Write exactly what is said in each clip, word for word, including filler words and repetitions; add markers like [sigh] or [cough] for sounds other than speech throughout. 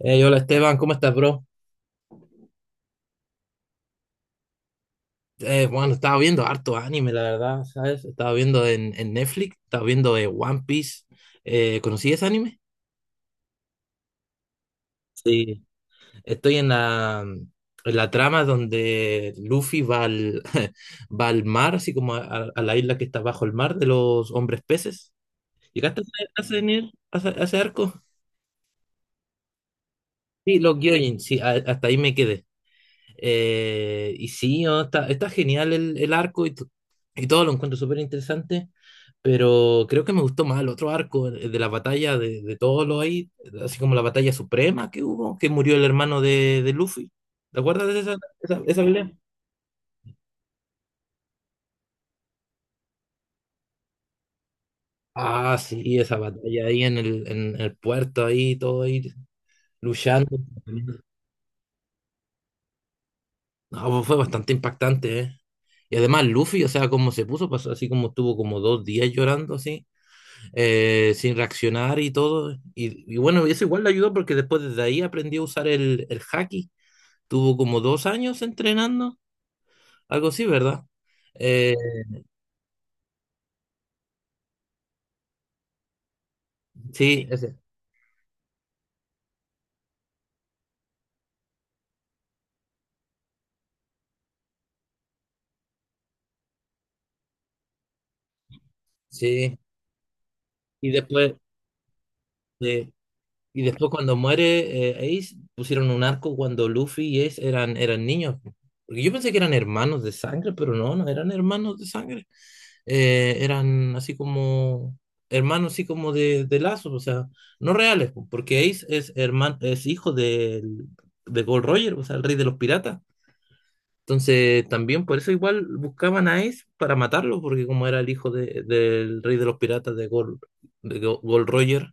Hey, hola Esteban, ¿cómo estás, bro? Eh, bueno, estaba viendo harto anime, la verdad, ¿sabes? Estaba viendo en, en Netflix, estaba viendo eh, One Piece. Eh, ¿conocí ese anime? Sí. Estoy en la, en la trama donde Luffy va al, [laughs] va al mar, así como a, a- a la isla que está bajo el mar de los hombres peces. ¿Llegaste a ese, a ese nivel- a ese- a ese arco? Sí, los Gyojin, sí, a- hasta ahí me quedé. Eh, y sí, no, está, está genial el, el arco, y, to- y todo lo encuentro súper interesante, pero creo que me gustó más el otro arco, el de la batalla de, de todos los ahí, así como la batalla suprema que hubo, que murió el hermano de, de Luffy. ¿Te acuerdas de esa, esa, esa pelea? Ah, sí, esa batalla ahí en el, en el puerto, ahí todo ahí luchando. No, fue bastante impactante, ¿eh? Y además Luffy, o sea, como se puso, pasó así como estuvo como dos días llorando así. Eh, sin reaccionar y todo. Y, y bueno, eso igual le ayudó porque después desde ahí aprendió a usar el, el haki. Tuvo como dos años entrenando, algo así, ¿verdad? Eh, sí, ese, sí. Y después, eh, y después cuando muere eh, Ace, pusieron un arco cuando Luffy y Ace eran, eran niños. Porque yo pensé que eran hermanos de sangre, pero no, no eran hermanos de sangre. Eh, eran así como hermanos, así como de, de lazos, o sea, no reales, po, porque Ace es hermano, es hijo del- de Gold Roger, o sea, el rey de los piratas. Entonces, también por eso igual buscaban a Ace para matarlo, porque como era el hijo de- del rey de los piratas de Gold, de Go- Gold Roger,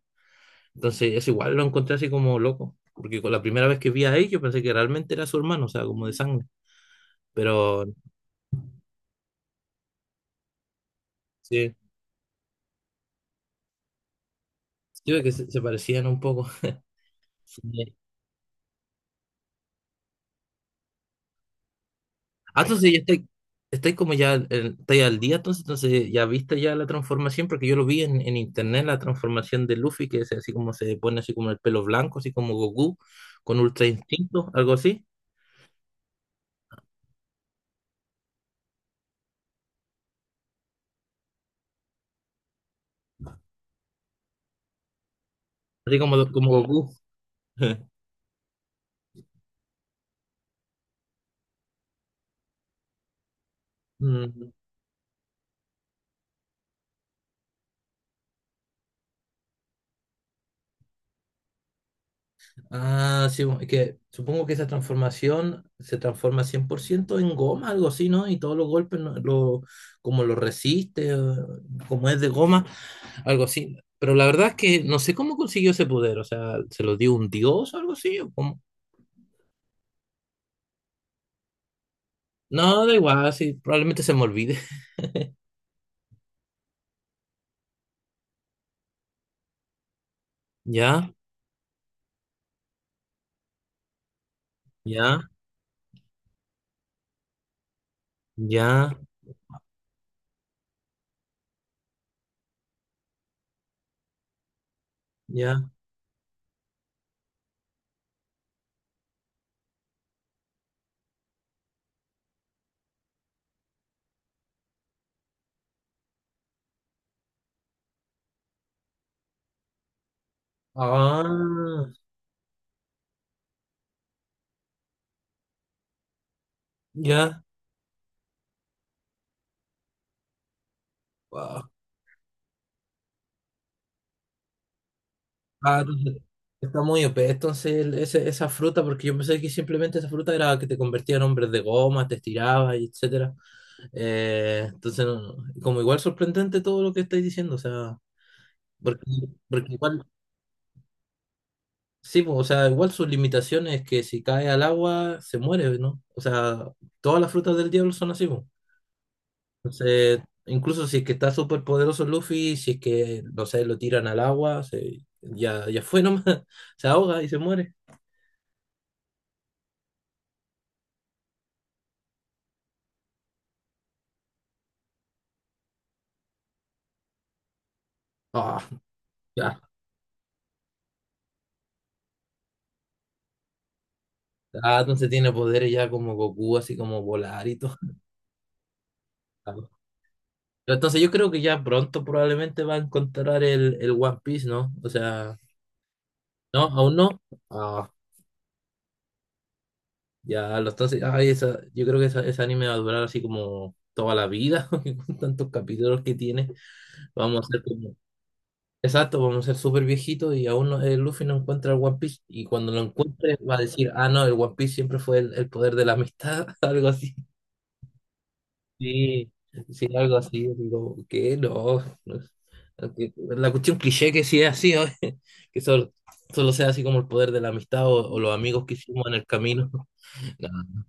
entonces eso igual lo encontré así como loco, porque con la primera vez que vi a Ace yo pensé que realmente era su hermano, o sea, como de sangre, pero sí, sí, ve que se se parecían un poco. [laughs] Ah, ay, entonces ya estoy, estoy como ya, eh, estoy al día, entonces, entonces ya viste ya la transformación, porque yo lo vi en, en internet, la transformación de Luffy, que es así como se pone así como el pelo blanco, así como Goku, con Ultra Instinto, algo así, así como, como Goku. [laughs] Mm, ah, sí, es que supongo que esa transformación se transforma cien por ciento en goma, algo así, ¿no? Y todos los golpes, ¿no? Lo, como lo resiste, eh, como es de goma, algo así. Pero la verdad es que no sé cómo consiguió ese poder, o sea, ¿se lo dio un dios o algo así? ¿O cómo? No, da igual, sí, probablemente se me olvide. [laughs] Ya, ya, ya, ya. Ah, ya. Wow. Ah, entonces, está muy O P, entonces el- ese- esa fruta, porque yo pensé que simplemente esa fruta era que te convertía en hombres de goma, te estiraba, y etcétera. Eh, entonces, no- no, como igual sorprendente todo lo que estáis diciendo, o sea, porque, porque igual. Sí, po, o sea, igual sus limitaciones es que si cae al agua se muere, ¿no? O sea, todas las frutas del diablo son así, po. Entonces, incluso si es que está súper poderoso Luffy, si es que, no sé, lo tiran al agua, se, ya, ya fue nomás, [laughs] se ahoga y se muere. Ah, ya. Ah, entonces tiene poderes ya como Goku, así como volar y todo. [laughs] Ah, no. Pero entonces yo creo que ya pronto probablemente va a encontrar el, el One Piece, ¿no? O sea, no, aún no. Ah. Ya, lo estás. Ay, esa, yo creo que esa, ese anime va a durar así como toda la vida, [laughs] porque con tantos capítulos que tiene. Vamos a ser como. Exacto, vamos a ser súper viejitos y aún no- el Luffy no encuentra el One Piece. Y cuando lo encuentre, va a decir: Ah, no, el One Piece siempre fue el, el poder de la amistad, [laughs] algo así. Sí, sí, algo así. Digo, ¿qué? No. No. Que- La cuestión cliché que sí es así, ¿no? [laughs] Que solo, solo sea así como el poder de la amistad o, o los amigos que hicimos en el camino. [laughs]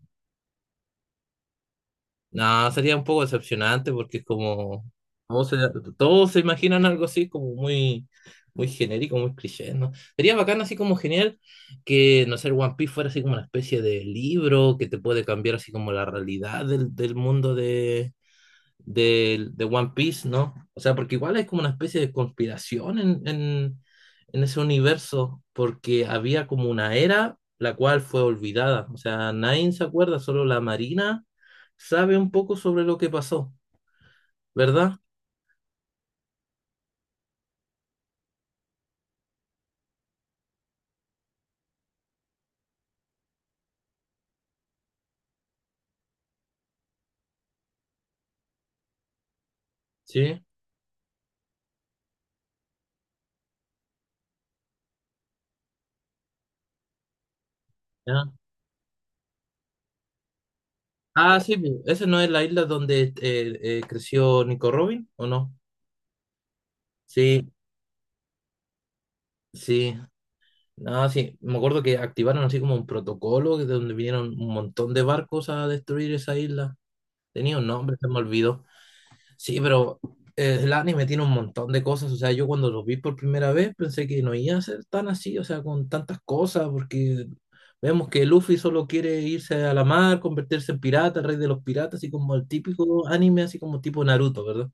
No, sería un poco decepcionante porque es como todos se, todos se imaginan algo así como muy, muy genérico, muy cliché, ¿no? Sería bacán así como genial que, no sé, el One Piece fuera así como una especie de libro que te puede cambiar así como la realidad del, del mundo de, de, de One Piece, ¿no? O sea, porque igual hay como una especie de conspiración en, en, en ese universo, porque había como una era la cual fue olvidada. O sea, nadie se acuerda, solo la Marina sabe un poco sobre lo que pasó, ¿verdad? Sí. Ya. Ah, sí, pu, esa no es la isla donde eh, eh, creció Nico Robin, ¿o no? Sí, sí. No, sí, me acuerdo que activaron así como un protocolo de donde vinieron un montón de barcos a destruir esa isla. Tenía un nombre, se me olvidó. Sí, pero eh, el anime tiene un montón de cosas. O sea, yo cuando lo vi por primera vez pensé que no iba a ser tan así, o sea, con tantas cosas, porque vemos que Luffy solo quiere irse a la mar, convertirse en pirata, rey de los piratas, así como el típico anime, así como tipo Naruto, ¿verdad?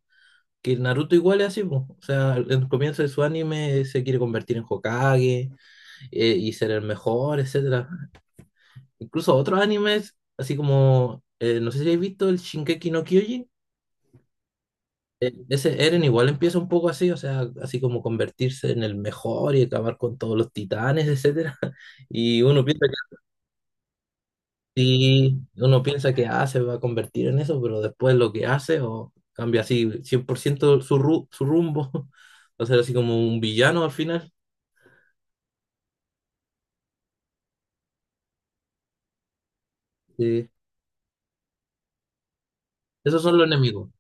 Que Naruto igual es así, po. O sea, al- en el comienzo de su anime se quiere convertir en Hokage, eh, y ser el mejor, etcétera. Incluso otros animes, así como, eh, no sé si habéis visto el Shinkeki no Kyojin. Eh, Ese Eren igual empieza un poco así, o sea, así como convertirse en el mejor y acabar con todos los titanes, etcétera. [laughs] Y uno piensa que sí, uno piensa que ah, se va a convertir en eso, pero después lo que hace o cambia así cien por ciento su, ru- su rumbo, [laughs] va a ser así como un villano al final. Sí. Esos son los enemigos,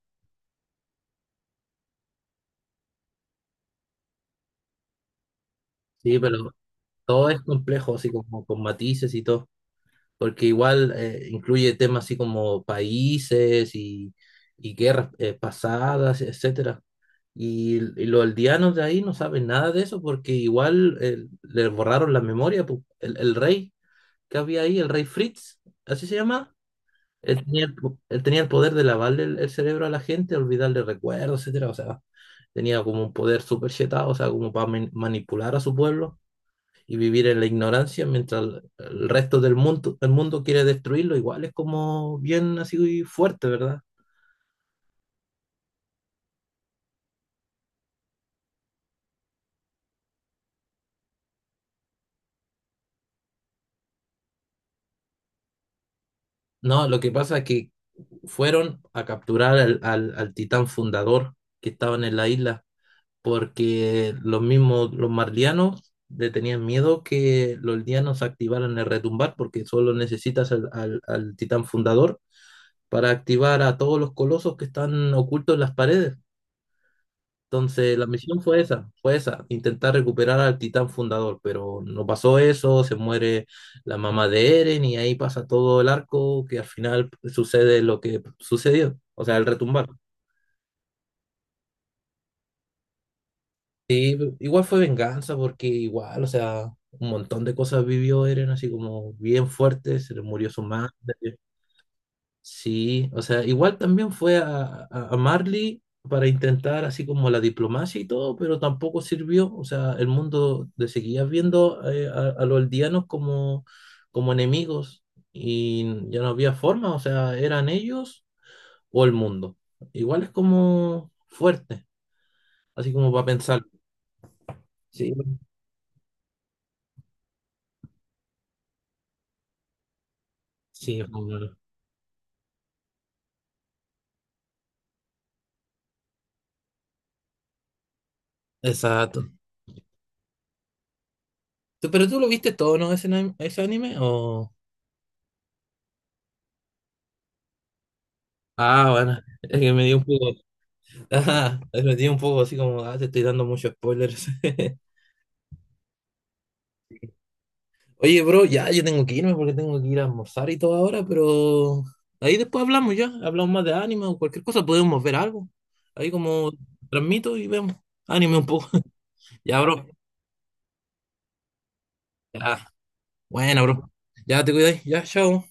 sí, pero todo es complejo, así como con matices y todo, porque igual eh, incluye temas así como países y y guerras, eh, pasadas, etcétera. Y, y los aldeanos de ahí no saben nada de eso porque igual eh, le borraron la memoria. Pu. El, el rey que había ahí, el rey Fritz, así se llama, él tenía el, po- él tenía el poder de lavarle el, el cerebro a la gente, olvidarle recuerdos, etcétera. O sea, tenía como un poder súper chetado, o sea, como para man- manipular a su pueblo y vivir en la ignorancia mientras el, el resto del mundo, el mundo quiere destruirlo. Igual es como bien así fuerte, ¿verdad? No, lo que pasa es que fueron a capturar al, al, al titán fundador que estaban en la isla, porque los mismos, los marlianos le tenían miedo que los lianos activaran el retumbar, porque solo necesitas al, al, al titán fundador para activar a todos los colosos que están ocultos en las paredes. Entonces, la misión fue esa, fue esa, intentar recuperar al titán fundador, pero no pasó eso, se muere la mamá de Eren y ahí pasa todo el arco que al final sucede lo que sucedió, o sea, el retumbar. Y igual fue venganza porque igual, o sea, un montón de cosas vivió Eren así como bien fuerte, se le murió su madre. Sí, o sea, igual también fue a, a- a Marley para intentar así como la diplomacia y todo, pero tampoco sirvió. O sea, el mundo le seguía viendo, eh, a, a los aldeanos como, como enemigos, y ya no había forma, o sea, eran ellos o el mundo. Igual es como fuerte, así como para pensar. Sí, sí, es como- exacto. Tú- Pero tú lo viste todo, ¿no? Ese, anime- ese anime o... Ah, bueno, es que me dio un poco... Ajá, lo tiene un poco así como, ah, te estoy dando muchos spoilers. [laughs] Oye, bro, ya yo tengo que irme porque tengo que ir a almorzar y todo ahora, pero ahí después hablamos ya, hablamos más de anime o cualquier cosa, podemos ver algo. Ahí como transmito y vemos anime un poco. Ya, bro. Ya, bueno, bro. Ya te cuidáis, ya, chao.